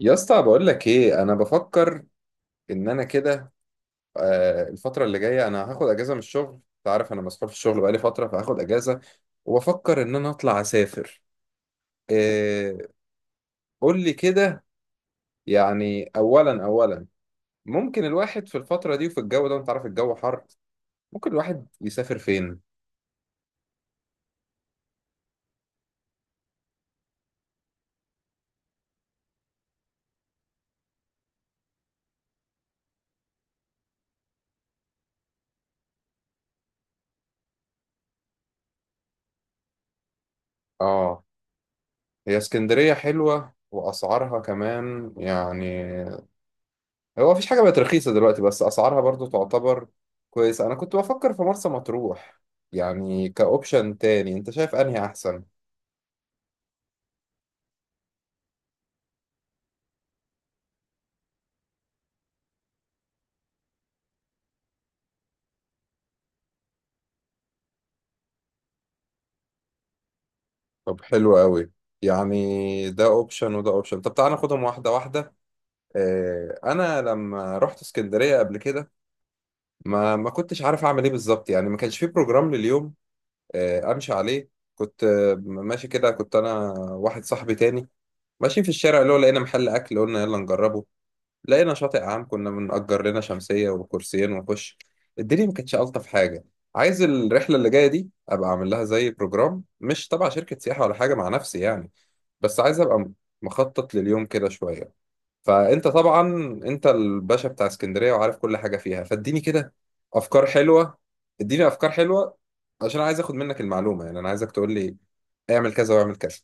يا اسطى بقول لك ايه انا بفكر ان انا كده. الفتره اللي جايه انا هاخد اجازه من الشغل، انت عارف انا مسحول في الشغل بقالي فتره، فهاخد اجازه وبفكر ان انا اطلع اسافر. إيه؟ قول لي كده. يعني اولا اولا، ممكن الواحد في الفتره دي وفي الجو ده، انت عارف الجو حر، ممكن الواحد يسافر فين؟ اه، هي اسكندريه حلوه واسعارها كمان يعني، هو مفيش حاجة بقت رخيصة دلوقتي بس أسعارها برضو تعتبر كويسة. أنا كنت بفكر في مرسى مطروح يعني كأوبشن تاني، أنت شايف أنهي أحسن؟ طب حلو قوي، يعني ده أوبشن وده أوبشن، طب تعالى ناخدهم واحدة واحدة. أنا لما رحت اسكندرية قبل كده ما كنتش عارف أعمل إيه بالظبط، يعني ما كانش في بروجرام لليوم أمشي عليه. كنت ماشي كده، كنت أنا واحد صاحبي تاني ماشيين في الشارع، اللي هو لقينا محل أكل قلنا يلا نجربه، لقينا شاطئ عام كنا بنأجر لنا شمسية وكرسيين ونخش. الدنيا ما كانتش ألطف حاجة. عايز الرحلة اللي جاية دي أبقى أعمل لها زي بروجرام، مش تبع شركة سياحة ولا حاجة، مع نفسي يعني، بس عايز أبقى مخطط لليوم كده شوية. فأنت طبعا أنت الباشا بتاع اسكندرية وعارف كل حاجة فيها، فاديني كده أفكار حلوة، اديني أفكار حلوة، عشان عايز أخد منك المعلومة، يعني أنا عايزك تقول لي اعمل كذا واعمل كذا.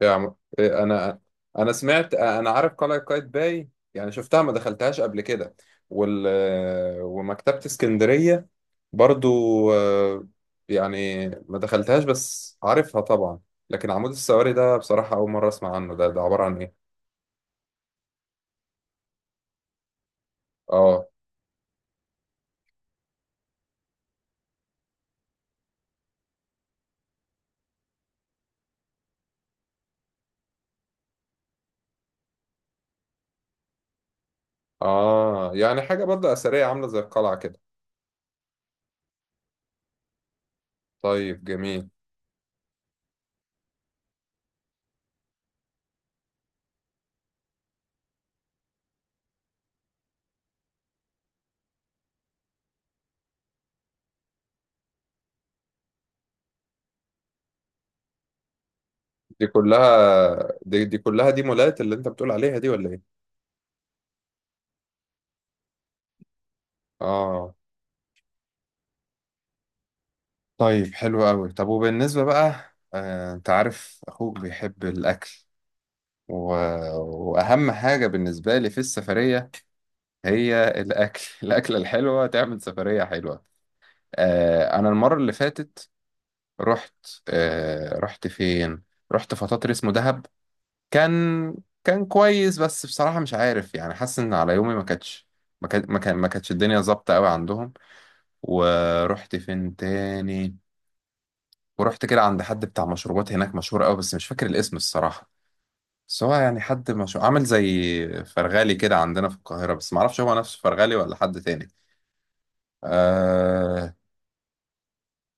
يا عم إيه، انا انا سمعت، انا عارف قلعة قايتباي يعني شفتها، ما دخلتهاش قبل كده وال ومكتبة اسكندرية برضو آه، يعني ما دخلتهاش بس عارفها طبعا. لكن عمود السواري ده بصراحة أول مرة أسمع عنه، ده عبارة عن إيه؟ آه. آه يعني حاجة برضه أثرية عاملة زي القلعة كده. طيب جميل. دي كلها، دي كلها دي مولات اللي أنت بتقول عليها دي ولا إيه؟ آه. طيب حلو قوي. طب وبالنسبة بقى انت عارف اخوك بيحب الاكل و... واهم حاجة بالنسبة لي في السفرية هي الاكل الاكلة الحلوة تعمل سفرية حلوة. انا المرة اللي فاتت رحت، رحت فين؟ رحت فطاطر اسمه دهب، كان كان كويس بس بصراحة مش عارف يعني، حاسس ان على يومي ما كانتش، ما كانتش الدنيا ظابطة قوي عندهم. ورحت فين تاني؟ ورحت كده عند حد بتاع مشروبات هناك مشهور قوي بس مش فاكر الاسم الصراحة، بس هو يعني حد مش عامل زي فرغالي كده عندنا في القاهرة، بس معرفش هو نفسه فرغالي ولا حد تاني. أه.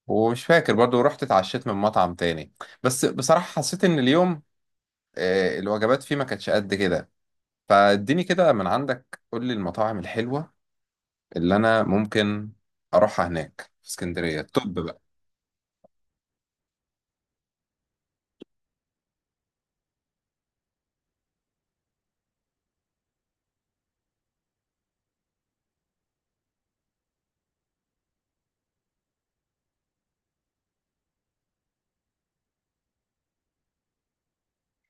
ومش فاكر برضو رحت اتعشيت من مطعم تاني، بس بصراحة حسيت ان اليوم أه الوجبات فيه ما كانتش قد كده. فاديني كده من عندك، قول لي المطاعم الحلوة اللي انا ممكن اروحها هناك في اسكندرية، طب بقى.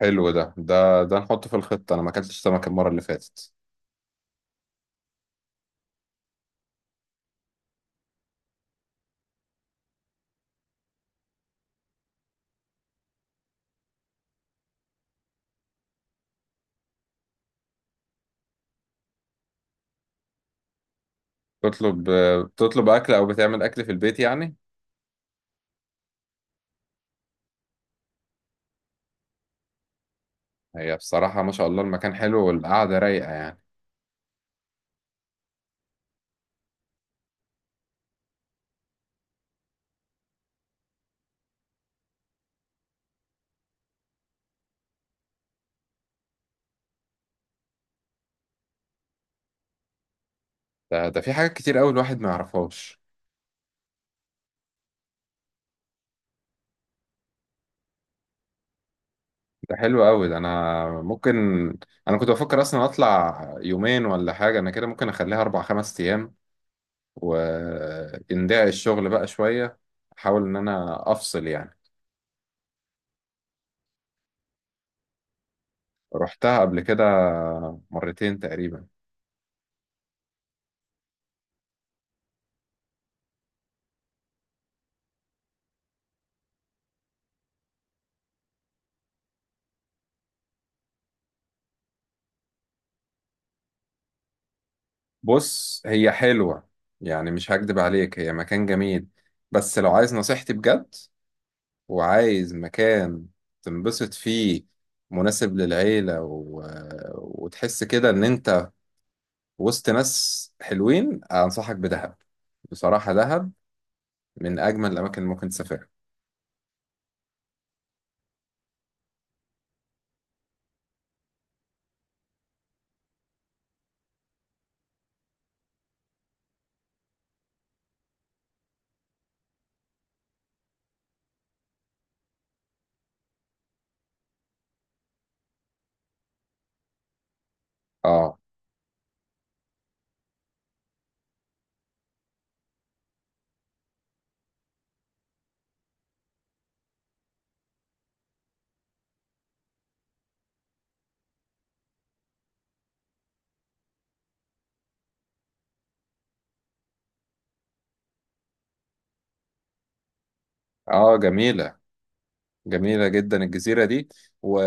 حلو ده، ده نحطه في الخطة، انا ما اكلتش سمك المرة اللي فاتت. تطلب، بتطلب اكل او بتعمل اكل في البيت يعني. هي بصراحه ما شاء الله المكان حلو والقعده رايقه يعني. ده في حاجات كتير قوي الواحد ما يعرفهاش. ده حلو قوي ده، انا ممكن، انا كنت بفكر اصلا اطلع يومين ولا حاجه، انا كده ممكن اخليها 4 5 ايام، وندعي الشغل بقى شويه، احاول ان انا افصل يعني. رحتها قبل كده مرتين تقريبا. بص هي حلوه يعني، مش هكدب عليك هي مكان جميل، بس لو عايز نصيحتي بجد وعايز مكان تنبسط فيه، مناسب للعيلة و... وتحس كده إن أنت وسط ناس حلوين، أنصحك بدهب. بصراحة دهب من أجمل الأماكن اللي ممكن تسافرها. آه. آه جميلة، جميلة جدا الجزيرة دي و...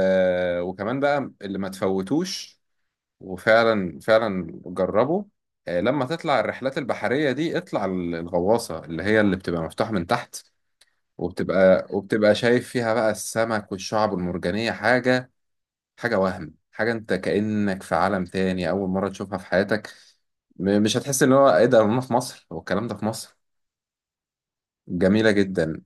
وكمان بقى اللي ما تفوتوش، وفعلا فعلا جربه. لما تطلع الرحلات البحرية دي اطلع الغواصة، اللي هي اللي بتبقى مفتوحة من تحت، وبتبقى شايف فيها بقى السمك والشعب المرجانية، حاجة حاجة وهم، حاجة انت كأنك في عالم تاني، أول مرة تشوفها في حياتك. مش هتحس ان هو ايه ده، انا في مصر؟ هو الكلام ده في مصر؟ جميلة جدا.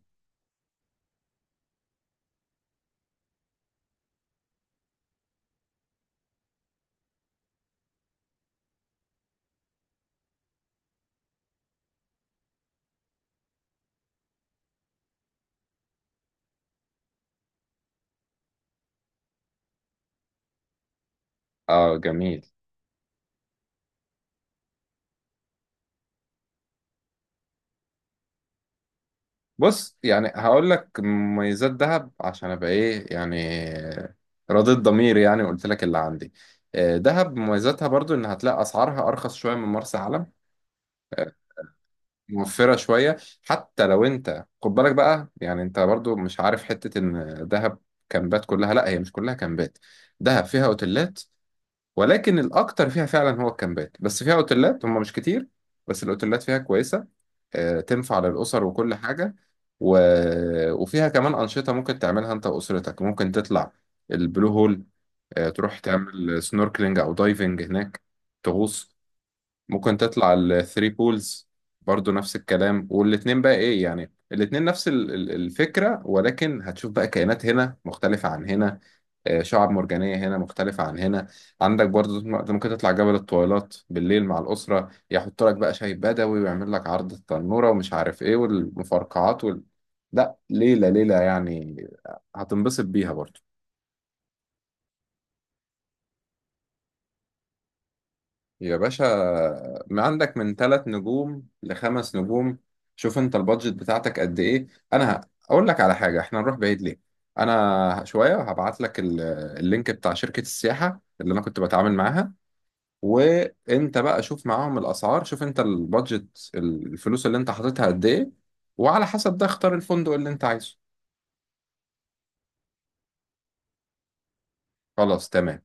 اه جميل. بص يعني هقول لك مميزات دهب، عشان ابقى ايه يعني رضيت ضميري يعني، وقلت لك اللي عندي. دهب مميزاتها برضو ان هتلاقي اسعارها ارخص شوية من مرسى علم، موفرة شوية. حتى لو انت خد بالك بقى يعني، انت برضو مش عارف، حتة ان دهب كامبات كلها، لا هي مش كلها كامبات، دهب فيها اوتيلات، ولكن الاكتر فيها فعلا هو الكامبات، بس فيها اوتيلات هم مش كتير بس الاوتيلات فيها كويسة. تنفع للاسر وكل حاجة و... وفيها كمان انشطة ممكن تعملها انت واسرتك. ممكن تطلع البلو هول، تروح تعمل سنوركلينج او دايفنج هناك، تغوص. ممكن تطلع الثري بولز برضو نفس الكلام. والاتنين بقى ايه يعني، الاتنين نفس الفكرة، ولكن هتشوف بقى كائنات هنا مختلفة عن هنا، شعاب مرجانية هنا مختلفة عن هنا. عندك برضو ممكن تطلع جبل الطويلات بالليل مع الأسرة، يحط لك بقى شاي بدوي ويعمل لك عرض التنورة ومش عارف ايه، والمفرقعات وال... لا ليلة ليلة يعني، هتنبسط بيها برضو. يا باشا ما عندك من 3 نجوم لخمس نجوم. شوف انت البادجت بتاعتك قد ايه. انا ه- اقول لك على حاجه، احنا نروح بعيد ليه؟ انا شويه هبعت لك اللينك بتاع شركه السياحه اللي انا كنت بتعامل معاها، وانت بقى شوف معاهم الاسعار، شوف انت البادجت، الفلوس اللي انت حاططها قد ايه، وعلى حسب ده اختار الفندق اللي انت عايزه. خلاص تمام.